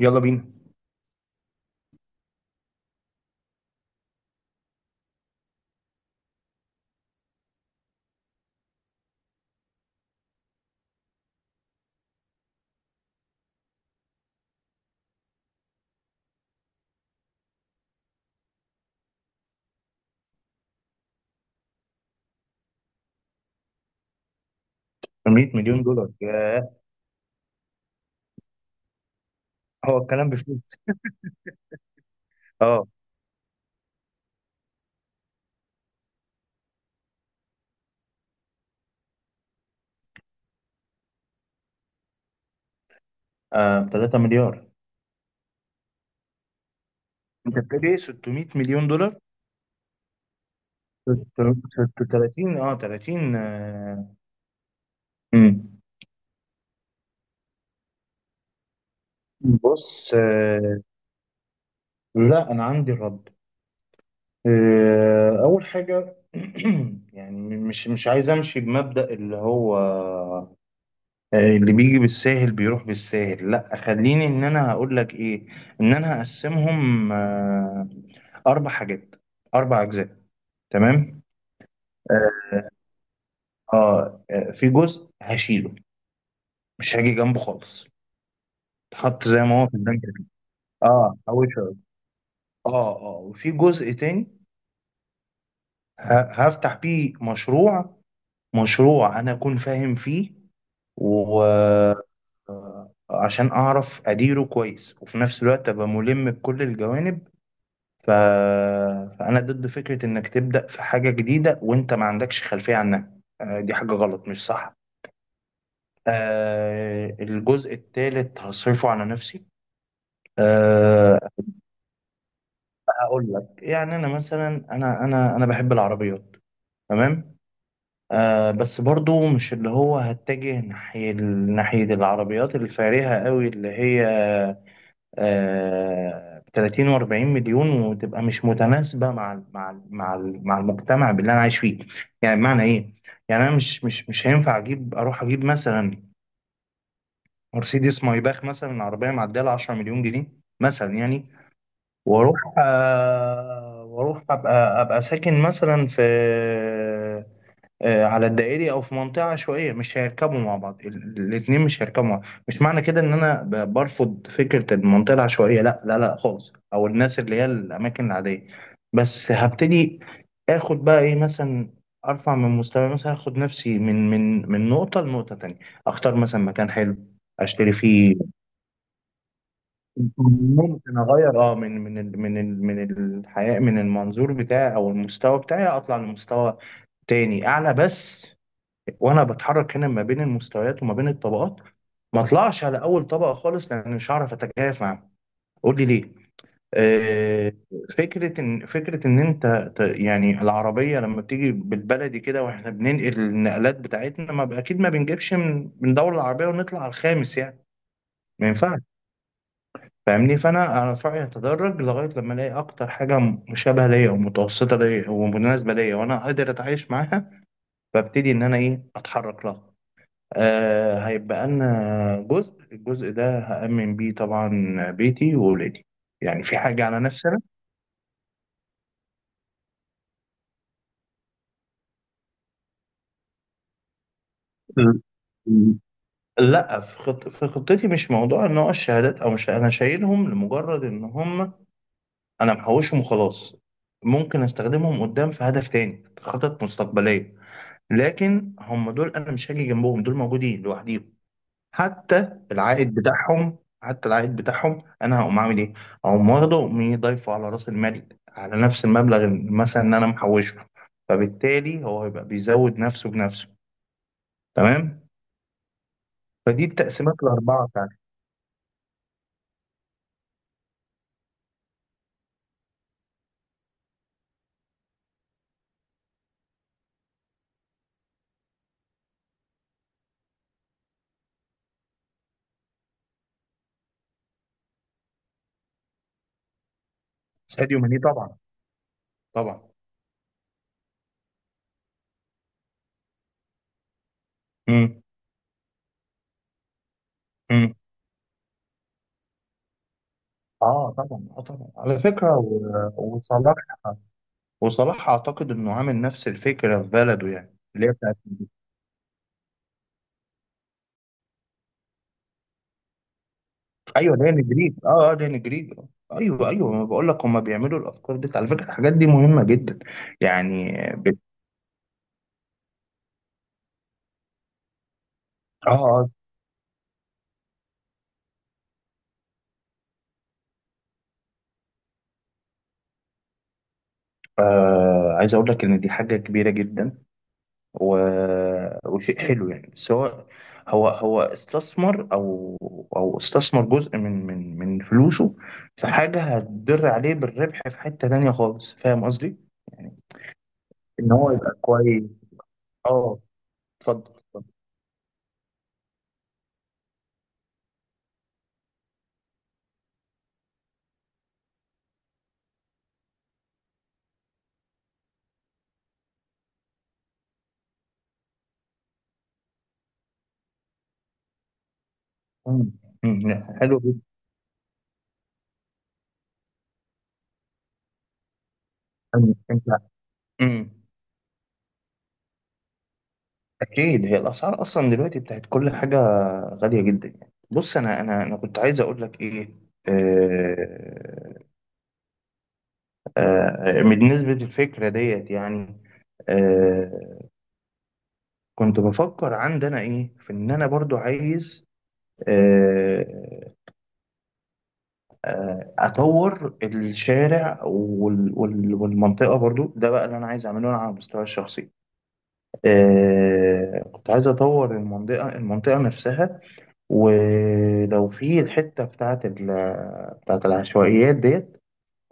يلا بينا. 800 مليون دولار، ياه! هو الكلام بفلوس؟ اه. ب 3 مليار. انت بتقول ايه؟ 600 مليون دولار. 30 . امم بص. لا، انا عندي الرد. اول حاجه. يعني مش عايز امشي بمبدأ اللي هو اللي بيجي بالساهل بيروح بالساهل. لا، خليني ان انا هقول لك ايه. ان انا هقسمهم. اربع حاجات، اربع اجزاء. تمام. اه. آه، في جزء هشيله، مش هاجي جنبه خالص، اتحط زي ما هو في البنك كده. اه، هوشه. اه، اه. وفي جزء تاني هفتح بيه مشروع، مشروع انا اكون فاهم فيه، وعشان اعرف اديره كويس، وفي نفس الوقت ابقى ملم بكل الجوانب. ف... فانا ضد فكرة انك تبدأ في حاجة جديدة وانت ما عندكش خلفية عنها. دي حاجة غلط، مش صح. الجزء التالت هصرفه على نفسي. أه هقول لك. يعني انا مثلا، انا بحب العربيات. تمام. بس برضو مش اللي هو هتجه ناحية العربيات الفارهة قوي، اللي هي 30 و40 مليون، وتبقى مش متناسبة مع المجتمع اللي انا عايش فيه. يعني بمعنى ايه؟ يعني انا مش هينفع اجيب، اروح اجيب مثلا مرسيدس مايباخ، مثلا عربية معدية ل 10 مليون جنيه، مثلا يعني. واروح ابقى ساكن مثلا في على الدائري، او في منطقه عشوائيه. مش هيركبوا مع بعض الاتنين، مش هيركبوا مع بعض. مش معنى كده ان انا برفض فكره المنطقه العشوائيه، لا لا لا خالص، او الناس اللي هي الاماكن العاديه. بس هبتدي اخد بقى ايه، مثلا ارفع من مستوى، مثلا اخد نفسي من نقطه لنقطه تانية، اختار مثلا مكان حلو، اشتري فيه. ممكن اغير، اه، من الحياه، من المنظور بتاعي او المستوى بتاعي، اطلع لمستوى تاني اعلى بس. وانا بتحرك هنا ما بين المستويات وما بين الطبقات، ما اطلعش على اول طبقه خالص، لان مش هعرف اتكيف معاهم. قول لي ليه. آه. فكره ان انت يعني العربيه لما بتيجي بالبلدي كده، واحنا بننقل النقلات بتاعتنا، ما ب- اكيد ما بنجيبش من من دوله العربيه ونطلع على الخامس يعني. ما ينفعش، فاهمني. فانا في رايي اتدرج لغايه لما الاقي اكتر حاجه مشابهه ليا، ومتوسطه ليا، ومناسبه ليا، وانا قادر اتعايش معاها، فابتدي ان انا ايه اتحرك لها. هيبقى لنا جزء. الجزء ده هامن بيه طبعا، بيتي واولادي. يعني في حاجه على نفسنا. م- لا، في خطتي مش موضوع ان هو الشهادات، او مش انا شايلهم لمجرد ان هم انا محوشهم وخلاص. ممكن استخدمهم قدام في هدف تاني، خطط مستقبليه. لكن هم دول انا مش هاجي جنبهم، دول موجودين لوحديهم. حتى العائد بتاعهم انا هقوم اعمل ايه؟ هقوم واخده وأقوم ضايفه على راس المال، على نفس المبلغ مثلا ان انا محوشه. فبالتالي هو هيبقى بيزود نفسه بنفسه. تمام؟ فدي التقسيمات الاربعه بتاعت. ساديو ماني، طبعا، طبعا. امم، امم. اه طبعا، اه طبعا. على فكره وصلاح. وصلاح اعتقد انه عامل نفس الفكره في بلده، يعني اللي هي، ايوه، ده جريج. اه، اه، ده جريج. ايوه، ايوه، ما بقول لك هم بيعملوا الافكار دي. على فكره الحاجات دي مهمه جدا، يعني آه، آه. اه، عايز اقول لك ان دي حاجه كبيره جدا و... وشيء حلو يعني. بس هو استثمر، او استثمر جزء من فلوسه في حاجه هتضر عليه بالربح في حته تانيه خالص، فاهم قصدي؟ يعني ان هو يبقى كويس. اه. اتفضل، اتفضل. مم، مم، لا، حلو جدا. انت. أمم. اكيد، هي الاسعار اصلا دلوقتي بتاعت كل حاجه غاليه جدا. يعني بص، انا كنت عايز اقول لك ايه. آه بالنسبه للفكره ديت يعني. آه كنت بفكر عندنا ايه، في ان انا برضو عايز آه اطور الشارع والمنطقه برضو. ده بقى اللي انا عايز اعمله انا على المستوى الشخصي. كنت عايز اطور المنطقه، المنطقه نفسها، ولو في الحتة بتاعت ال، بتاعت العشوائيات ديت.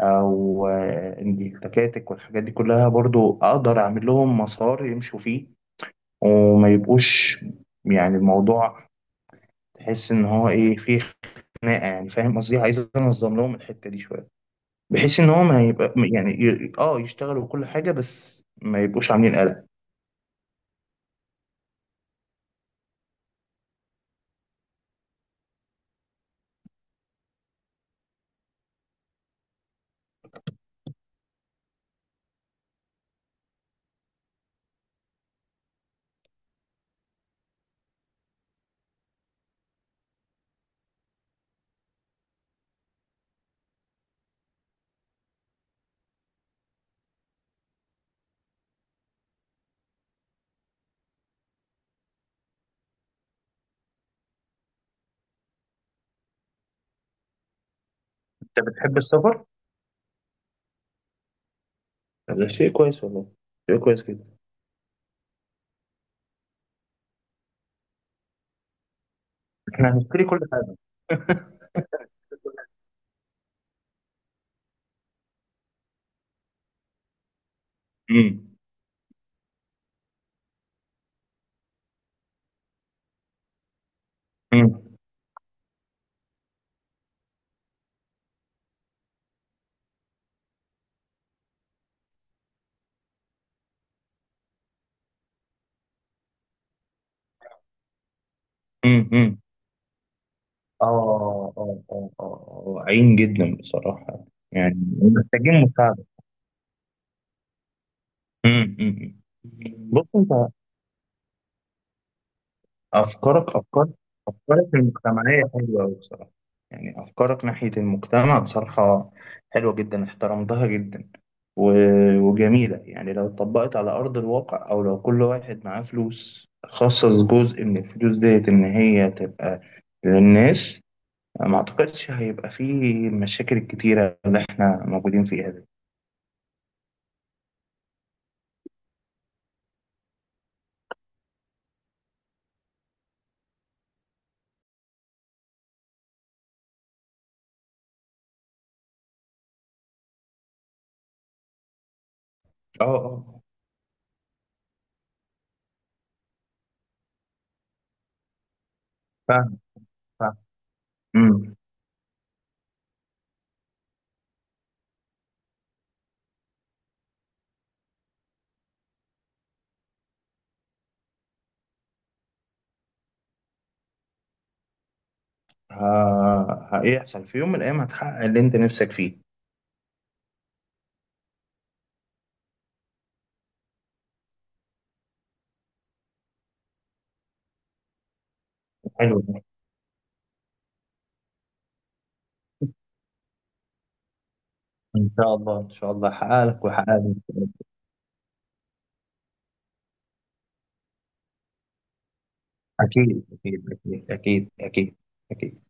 أو إن التكاتك والحاجات دي كلها برضو أقدر أعمل لهم مسار يمشوا فيه، وما يبقوش يعني الموضوع، تحس إن هو إيه فيه خناقة يعني، فاهم قصدي. عايز أنظم لهم الحتة دي شوية، بحيث إن هو ما يبقى يعني يشتغلوا كل حاجة، بس ما يبقوش عاملين قلق. أنت بتحب السفر؟ ده شيء كويس والله. شيء كويس جدا. إحنا هنشتري كل حاجة. مم. مم. امم. اه، اه، اه، اه، عين جدا بصراحة. يعني محتاجين مساعدة. امم، امم. بص انت، افكارك افكار. افكارك المجتمعية حلوة قوي بصراحة. يعني افكارك ناحية المجتمع، بصراحة حلوة جدا، احترمتها جدا و... وجميلة. يعني لو اتطبقت على ارض الواقع، او لو كل واحد معاه فلوس خصص جزء من الفلوس ديت ان هي تبقى للناس، ما اعتقدش هيبقى فيه المشاكل الكتيرة اللي احنا موجودين فيها دي. اه، اه، فاهم، فاهم. امم. هيحصل في يوم من الايام، هتحقق اللي انت نفسك فيه. حلو ده. ان شاء الله، ان شاء الله هحقق لك وهحقق لي. اكيد، اكيد، اكيد، اكيد، اكيد، اكيد.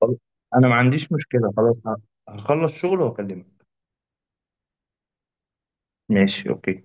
خلاص. انا ما عنديش مشكلة. خلاص، هخلص شغل واكلمك. ماشي، اوكي.